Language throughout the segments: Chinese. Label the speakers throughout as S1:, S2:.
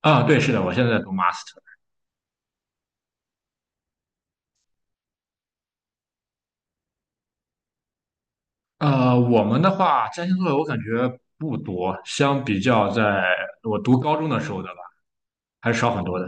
S1: 啊，对，是的，我现在在读 master。我们的话，家庭作业我感觉不多，相比较在我读高中的时候的吧，还是少很多的。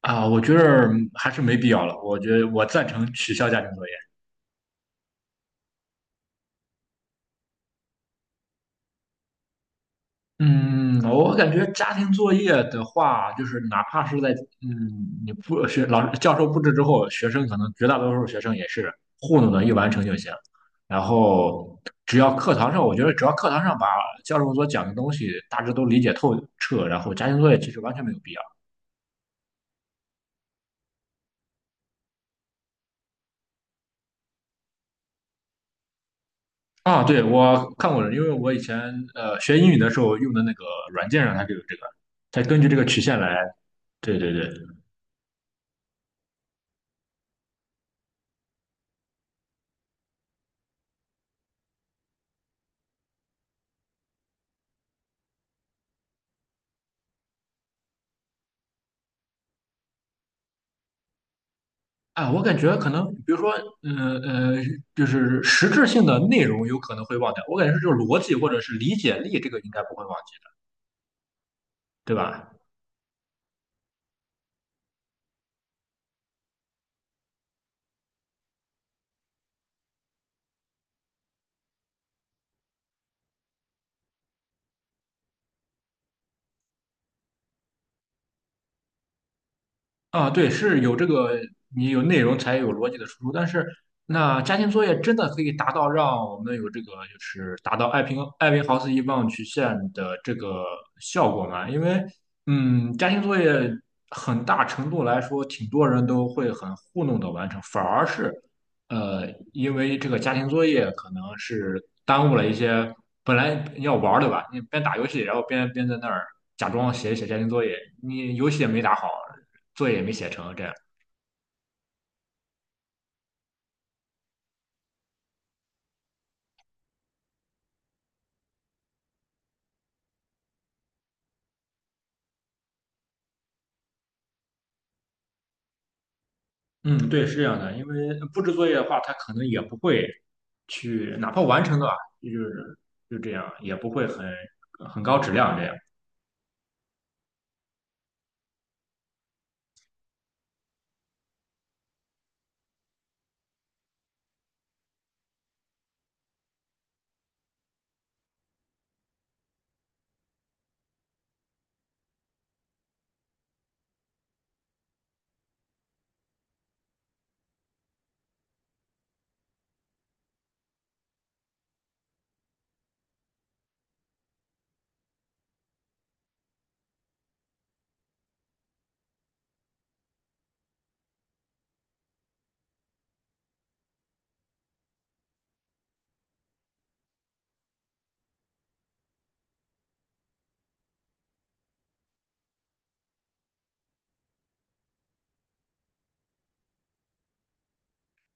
S1: 啊，我觉得还是没必要了。我觉得我赞成取消家庭作业。嗯，我感觉家庭作业的话，就是哪怕是在嗯你不学老师教授布置之后，学生可能绝大多数学生也是糊弄的一完成就行。然后只要课堂上，我觉得只要课堂上把教授所讲的东西大致都理解透彻，然后家庭作业其实完全没有必要。啊，对，我看过了，因为我以前学英语的时候用的那个软件上它就有这个，它根据这个曲线来。对对对。啊，我感觉可能，比如说，嗯呃，就是实质性的内容有可能会忘掉，我感觉是就是逻辑或者是理解力，这个应该不会忘记的，对吧？啊，对，是有这个，你有内容才有逻辑的输出。但是，那家庭作业真的可以达到让我们有这个，就是达到艾宾浩斯遗忘曲线的这个效果吗？因为，嗯，家庭作业很大程度来说，挺多人都会很糊弄的完成，反而是，呃，因为这个家庭作业可能是耽误了一些本来要玩儿的吧，你边打游戏，然后边在那儿假装写一写家庭作业，你游戏也没打好。作业也没写成，这样。嗯，对，是这样的，因为布置作业的话，他可能也不会去，哪怕完成了，就是就这样，也不会很高质量这样。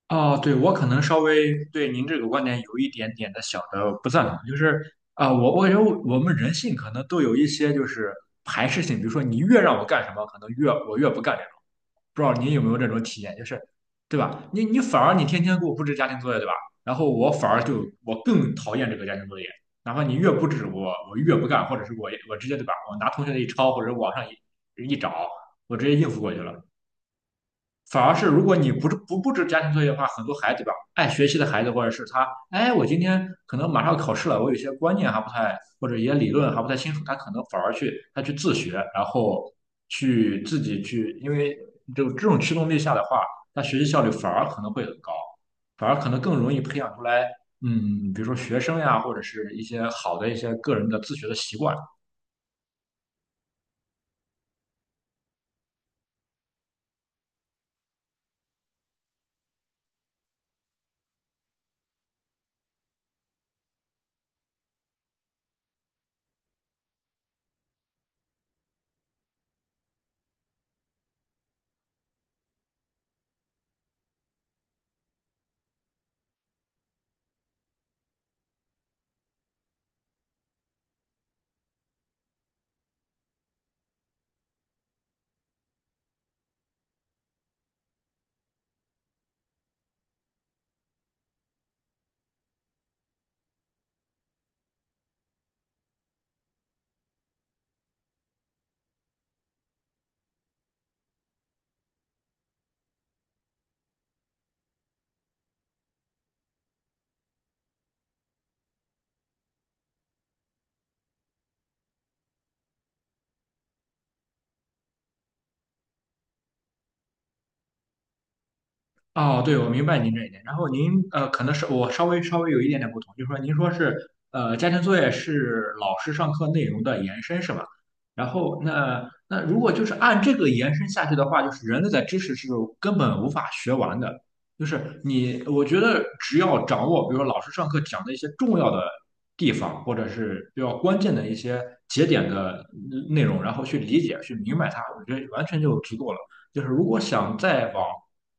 S1: 哦，对，我可能稍微对您这个观点有一点点的小的不赞同，就是我感觉我们人性可能都有一些就是排斥性，比如说你越让我干什么，可能越我越不干这种。不知道您有没有这种体验，就是对吧？你反而天天给我布置家庭作业，对吧？然后我反而更讨厌这个家庭作业，哪怕你越布置我，我越不干，或者是我直接对吧？我拿同学的一抄或者网上一找，我直接应付过去了。反而是如果你不布置家庭作业的话，很多孩子吧，爱学习的孩子或者是他，哎，我今天可能马上要考试了，我有些观念还不太，或者一些理论还不太清楚，他可能反而去自学，然后去自己去，因为就这种驱动力下的话，他学习效率反而可能会很高，反而可能更容易培养出来，嗯，比如说学生呀，或者是一些好的一些个人的自学的习惯。哦，对，我明白您这一点。然后您可能是我稍微有一点点不同，就是说您说是家庭作业是老师上课内容的延伸，是吧？然后那如果就是按这个延伸下去的话，就是人类的知识是根本无法学完的。就是你，我觉得只要掌握，比如说老师上课讲的一些重要的地方，或者是比较关键的一些节点的内容，然后去理解、去明白它，我觉得完全就足够了。就是如果想再往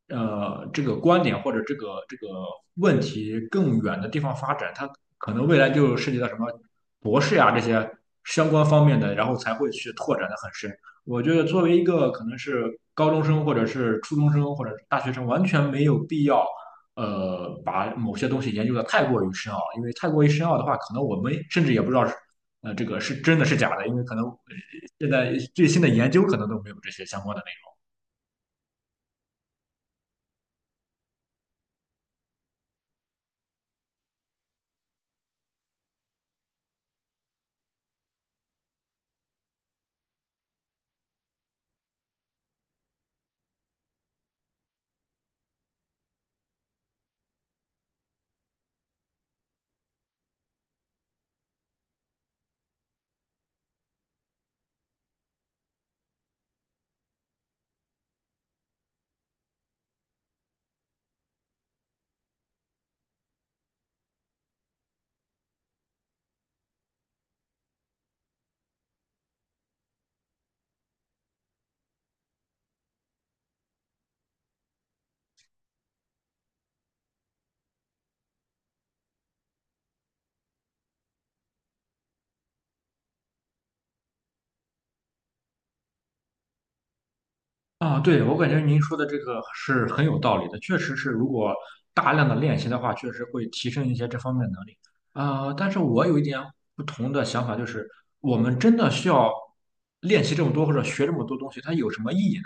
S1: 这个观点或者这个问题更远的地方发展，它可能未来就涉及到什么博士呀、这些相关方面的，然后才会去拓展的很深。我觉得作为一个可能是高中生或者是初中生或者是大学生，完全没有必要。把某些东西研究的太过于深奥，因为太过于深奥的话，可能我们甚至也不知道是，这个是真的是假的，因为可能现在最新的研究可能都没有这些相关的啊，对，我感觉您说的这个是很有道理的，确实是，如果大量的练习的话，确实会提升一些这方面的能力。但是我有一点不同的想法，就是我们真的需要练习这么多或者学这么多东西，它有什么意义呢？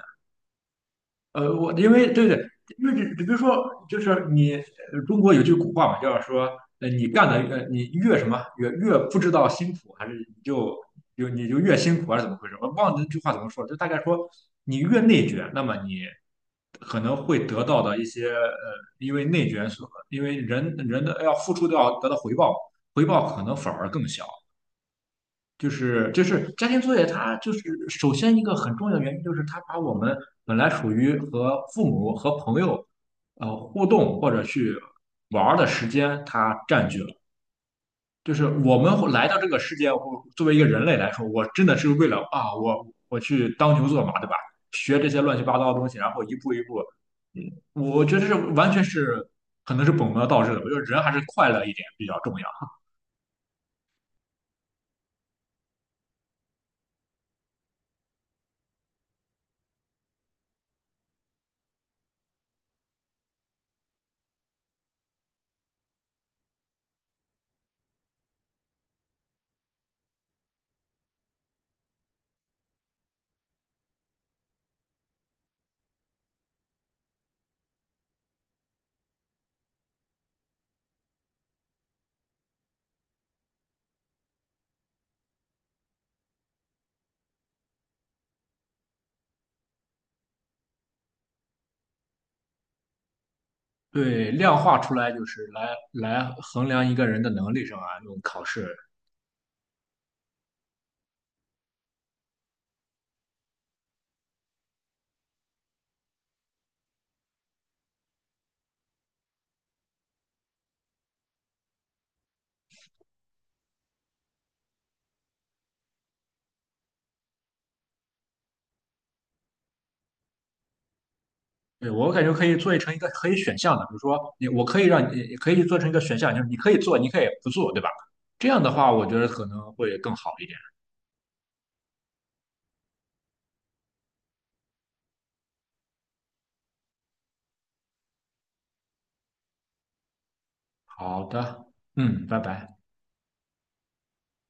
S1: 呃，我因为对对，因为只比如说，就是你中国有句古话嘛，就叫说，呃，你干的呃，你越什么越不知道辛苦，还是你就就越辛苦，还是怎么回事？我忘了那句话怎么说了就大概说，你越内卷，那么你可能会得到的一些因为内卷，因为人的要付出都要得到回报，回报可能反而更小。就是家庭作业，它就是首先一个很重要的原因，就是它把我们本来属于和父母和朋友互动或者去玩儿的时间，它占据了。就是我们会来到这个世界，我作为一个人类来说，我真的是为了啊，我去当牛做马，对吧？学这些乱七八糟的东西，然后一步一步，嗯，我觉得这完全是可能是本末倒置的。我觉得人还是快乐一点比较重要。对，量化出来就是来衡量一个人的能力上啊，用考试。对，我感觉可以做成一个可以选项的，比如说你，我可以让你可以做成一个选项，就是你可以做，你可以不做，对吧？这样的话，我觉得可能会更好一点。好的，嗯，拜拜。